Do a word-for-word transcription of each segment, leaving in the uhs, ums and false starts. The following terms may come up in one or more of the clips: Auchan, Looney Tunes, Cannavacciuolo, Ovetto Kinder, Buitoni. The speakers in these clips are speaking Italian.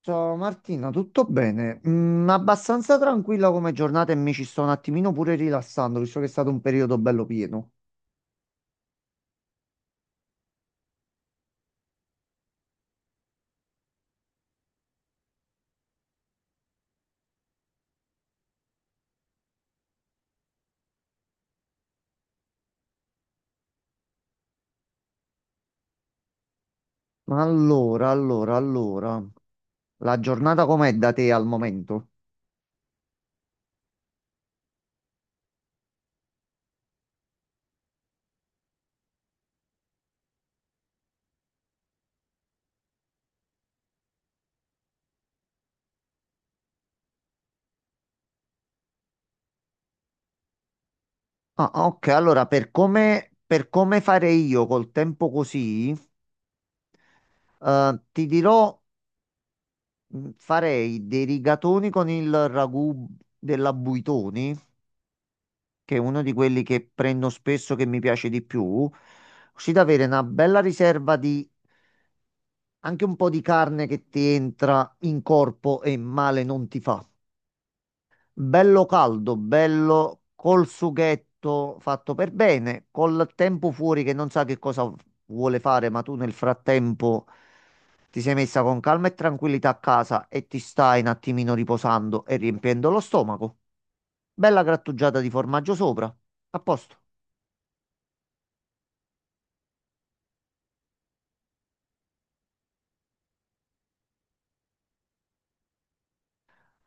Ciao Martina, tutto bene? Mm, abbastanza tranquilla come giornata e mi ci sto un attimino pure rilassando, visto che è stato un periodo bello pieno. Ma Allora, allora, allora, la giornata com'è da te al momento? Ah, ok, allora, per come, per come farei io col tempo così, eh, ti dirò, mm, farei dei rigatoni con il ragù della Buitoni, che è uno di quelli che prendo spesso, che mi piace di più, così da avere una bella riserva di anche un po' di carne, che ti entra in corpo e male non ti fa. Bello caldo, bello col sughetto fatto per bene, col tempo fuori che non sa che cosa vuole fare, ma tu nel frattempo ti sei messa con calma e tranquillità a casa e ti stai un attimino riposando e riempiendo lo stomaco. Bella grattugiata di formaggio sopra. A posto.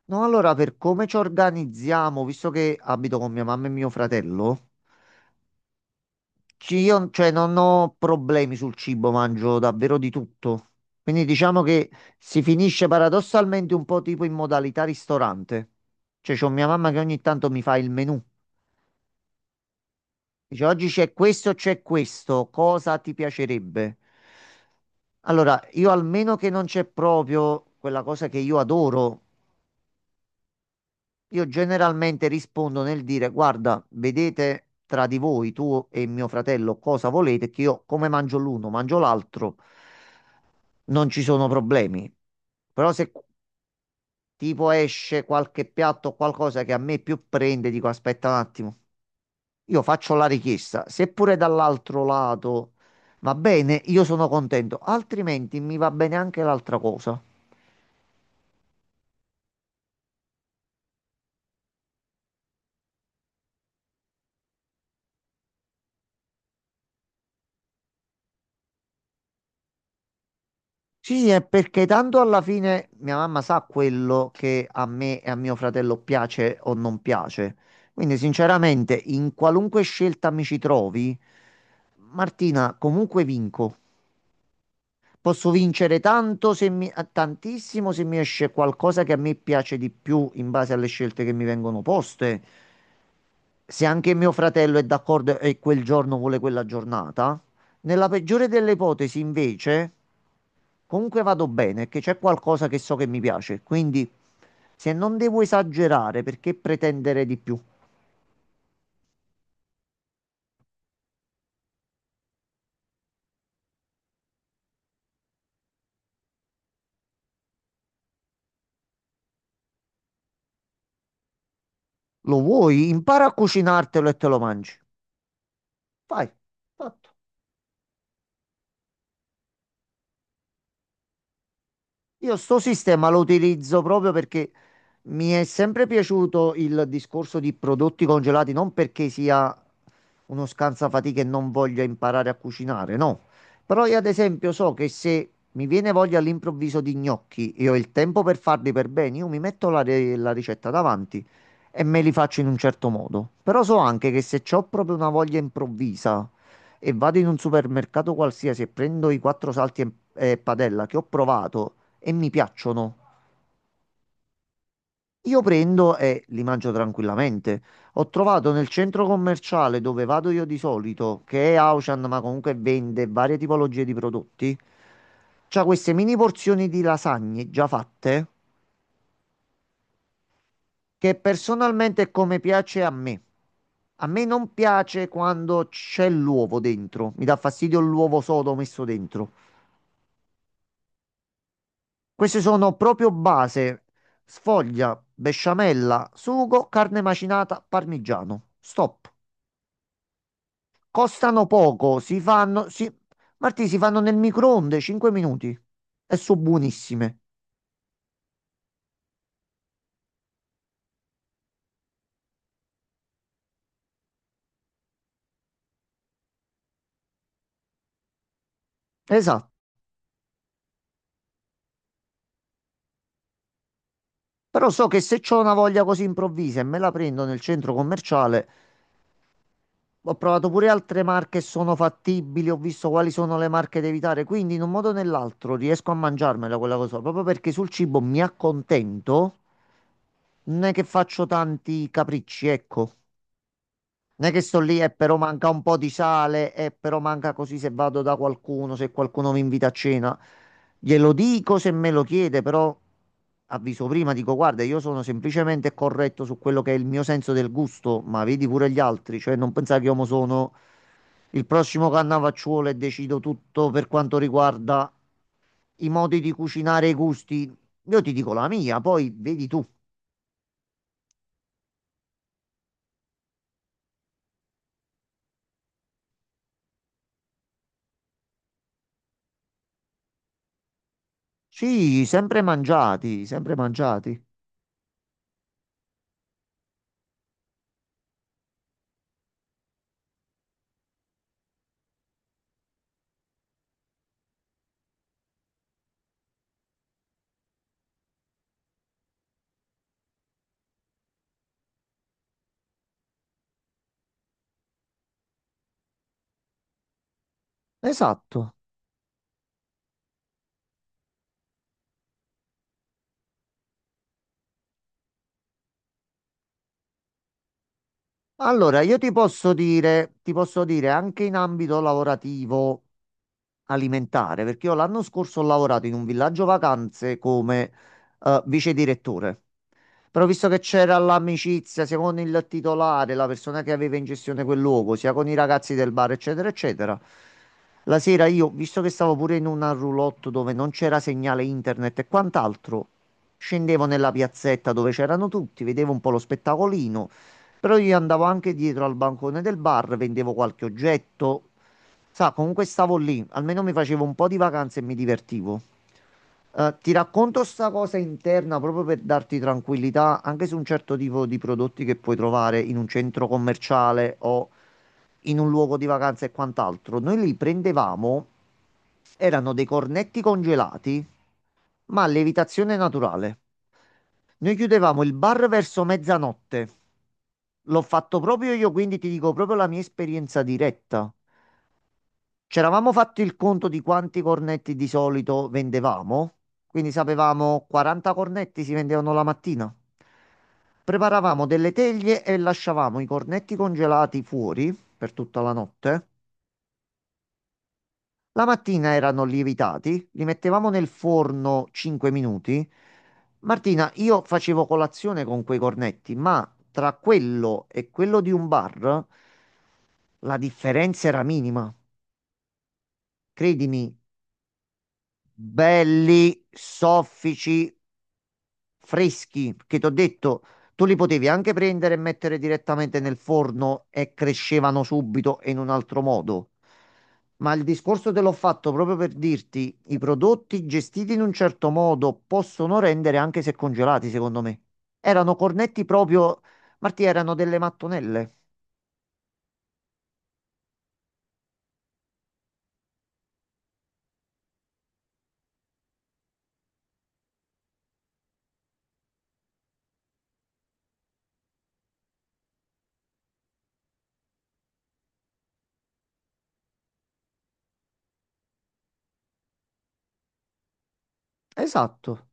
No, allora, per come ci organizziamo, visto che abito con mia mamma e mio fratello. Ci- Io, cioè, non ho problemi sul cibo, mangio davvero di tutto. Quindi diciamo che si finisce paradossalmente un po' tipo in modalità ristorante. Cioè, c'ho mia mamma che ogni tanto mi fa il menù. Dice, oggi c'è questo, c'è questo, cosa ti piacerebbe? Allora, io almeno che non c'è proprio quella cosa che io adoro, io generalmente rispondo nel dire: guarda, vedete tra di voi, tu e mio fratello, cosa volete, che io come mangio l'uno, mangio l'altro, non ci sono problemi. Però se tipo esce qualche piatto o qualcosa che a me più prende, dico: aspetta un attimo, io faccio la richiesta. Se pure dall'altro lato va bene, io sono contento, altrimenti mi va bene anche l'altra cosa. Sì, è perché tanto alla fine mia mamma sa quello che a me e a mio fratello piace o non piace. Quindi, sinceramente, in qualunque scelta mi ci trovi, Martina, comunque vinco. Posso vincere tanto se mi, a- tantissimo se mi esce qualcosa che a me piace di più in base alle scelte che mi vengono poste. Se anche mio fratello è d'accordo e quel giorno vuole quella giornata. Nella peggiore delle ipotesi, invece, comunque vado bene, che c'è qualcosa che so che mi piace, quindi se non devo esagerare, perché pretendere di più? Lo vuoi? Impara a cucinartelo e te lo mangi. Vai, fatto. Io sto sistema lo utilizzo proprio perché mi è sempre piaciuto il discorso di prodotti congelati, non perché sia uno scansafatiche e non voglia imparare a cucinare, no. Però io ad esempio so che se mi viene voglia all'improvviso di gnocchi e ho il tempo per farli per bene, io mi metto la, re- la ricetta davanti e me li faccio in un certo modo. Però so anche che se ho proprio una voglia improvvisa e vado in un supermercato qualsiasi e prendo i quattro salti e e padella che ho provato e mi piacciono. Io prendo e li mangio tranquillamente. Ho trovato, nel centro commerciale dove vado io di solito, che è Auchan, ma comunque vende varie tipologie di prodotti, c'ha queste mini porzioni di lasagne già fatte, che personalmente è come piace a me. A me non piace quando c'è l'uovo dentro, mi dà fastidio l'uovo sodo messo dentro. Queste sono proprio base, sfoglia, besciamella, sugo, carne macinata, parmigiano. Stop. Costano poco, si fanno, si... Martì, si fanno nel microonde cinque minuti e sono buonissime. Esatto. Però so che se ho una voglia così improvvisa e me la prendo nel centro commerciale, ho provato pure altre marche e sono fattibili, ho visto quali sono le marche da evitare, quindi in un modo o nell'altro riesco a mangiarmela quella cosa, proprio perché sul cibo mi accontento. Non è che faccio tanti capricci, ecco. Non è che sto lì e però manca un po' di sale e però manca così, se vado da qualcuno, se qualcuno mi invita a cena. Glielo dico se me lo chiede, però avviso prima, dico guarda, io sono semplicemente corretto su quello che è il mio senso del gusto, ma vedi pure gli altri, cioè non pensare che io mo sono il prossimo Cannavacciuolo e decido tutto per quanto riguarda i modi di cucinare e i gusti. Io ti dico la mia, poi vedi tu. Sì, sempre mangiati, sempre mangiati. Esatto. Allora, io ti posso dire, ti posso dire anche in ambito lavorativo alimentare, perché io l'anno scorso ho lavorato in un villaggio vacanze come eh, vice direttore. Però visto che c'era l'amicizia sia con il titolare, la persona che aveva in gestione quel luogo, sia con i ragazzi del bar, eccetera, eccetera, la sera io, visto che stavo pure in una roulotte dove non c'era segnale internet e quant'altro, scendevo nella piazzetta dove c'erano tutti, vedevo un po' lo spettacolino. Però io andavo anche dietro al bancone del bar, vendevo qualche oggetto. Sa, comunque stavo lì, almeno mi facevo un po' di vacanze e mi divertivo. Eh, ti racconto sta cosa interna proprio per darti tranquillità anche su un certo tipo di prodotti che puoi trovare in un centro commerciale o in un luogo di vacanza e quant'altro. Noi li prendevamo, erano dei cornetti congelati, ma a lievitazione naturale. Noi chiudevamo il bar verso mezzanotte. L'ho fatto proprio io, quindi ti dico proprio la mia esperienza diretta. C'eravamo fatti il conto di quanti cornetti di solito vendevamo, quindi sapevamo quaranta cornetti si vendevano la mattina. Preparavamo delle teglie e lasciavamo i cornetti congelati fuori per tutta la notte. La mattina erano lievitati, li mettevamo nel forno cinque minuti. Martina, io facevo colazione con quei cornetti, ma tra quello e quello di un bar la differenza era minima. Credimi, belli, soffici, freschi, che ti ho detto, tu li potevi anche prendere e mettere direttamente nel forno e crescevano subito e in un altro modo. Ma il discorso te l'ho fatto proprio per dirti, i prodotti gestiti in un certo modo possono rendere anche se congelati, secondo me. Erano cornetti proprio, Marti, erano delle mattonelle. Esatto.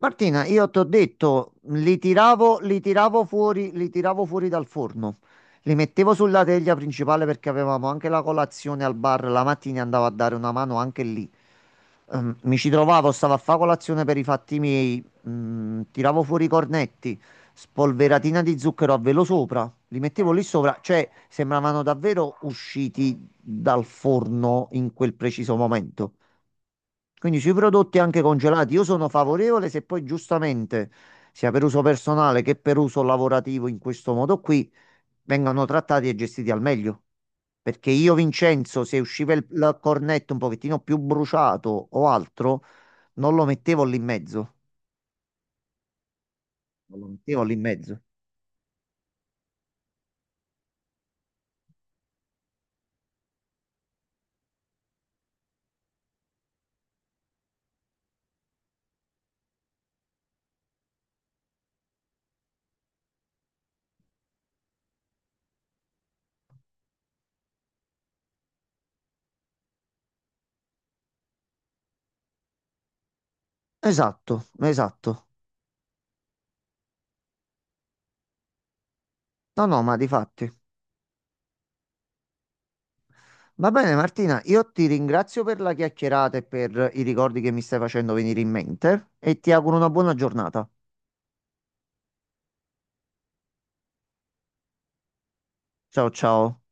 Martina, io ti ho detto, li tiravo, li tiravo fuori, li tiravo fuori dal forno. Li mettevo sulla teglia principale perché avevamo anche la colazione al bar la mattina e andavo a dare una mano anche lì. Ehm, mi ci trovavo, stavo a fare colazione per i fatti miei, mm, tiravo fuori i cornetti, spolveratina di zucchero a velo sopra, li mettevo lì sopra, cioè sembravano davvero usciti dal forno in quel preciso momento. Quindi sui prodotti anche congelati io sono favorevole, se poi giustamente, sia per uso personale che per uso lavorativo in questo modo qui, vengano trattati e gestiti al meglio. Perché io, Vincenzo, se usciva il, il cornetto un pochettino più bruciato o altro, non lo mettevo lì in mezzo. Non lo mettevo lì in mezzo. Esatto, esatto. No, no, ma di fatti. Va bene, Martina, io ti ringrazio per la chiacchierata e per i ricordi che mi stai facendo venire in mente e ti auguro una buona giornata. Ciao, ciao.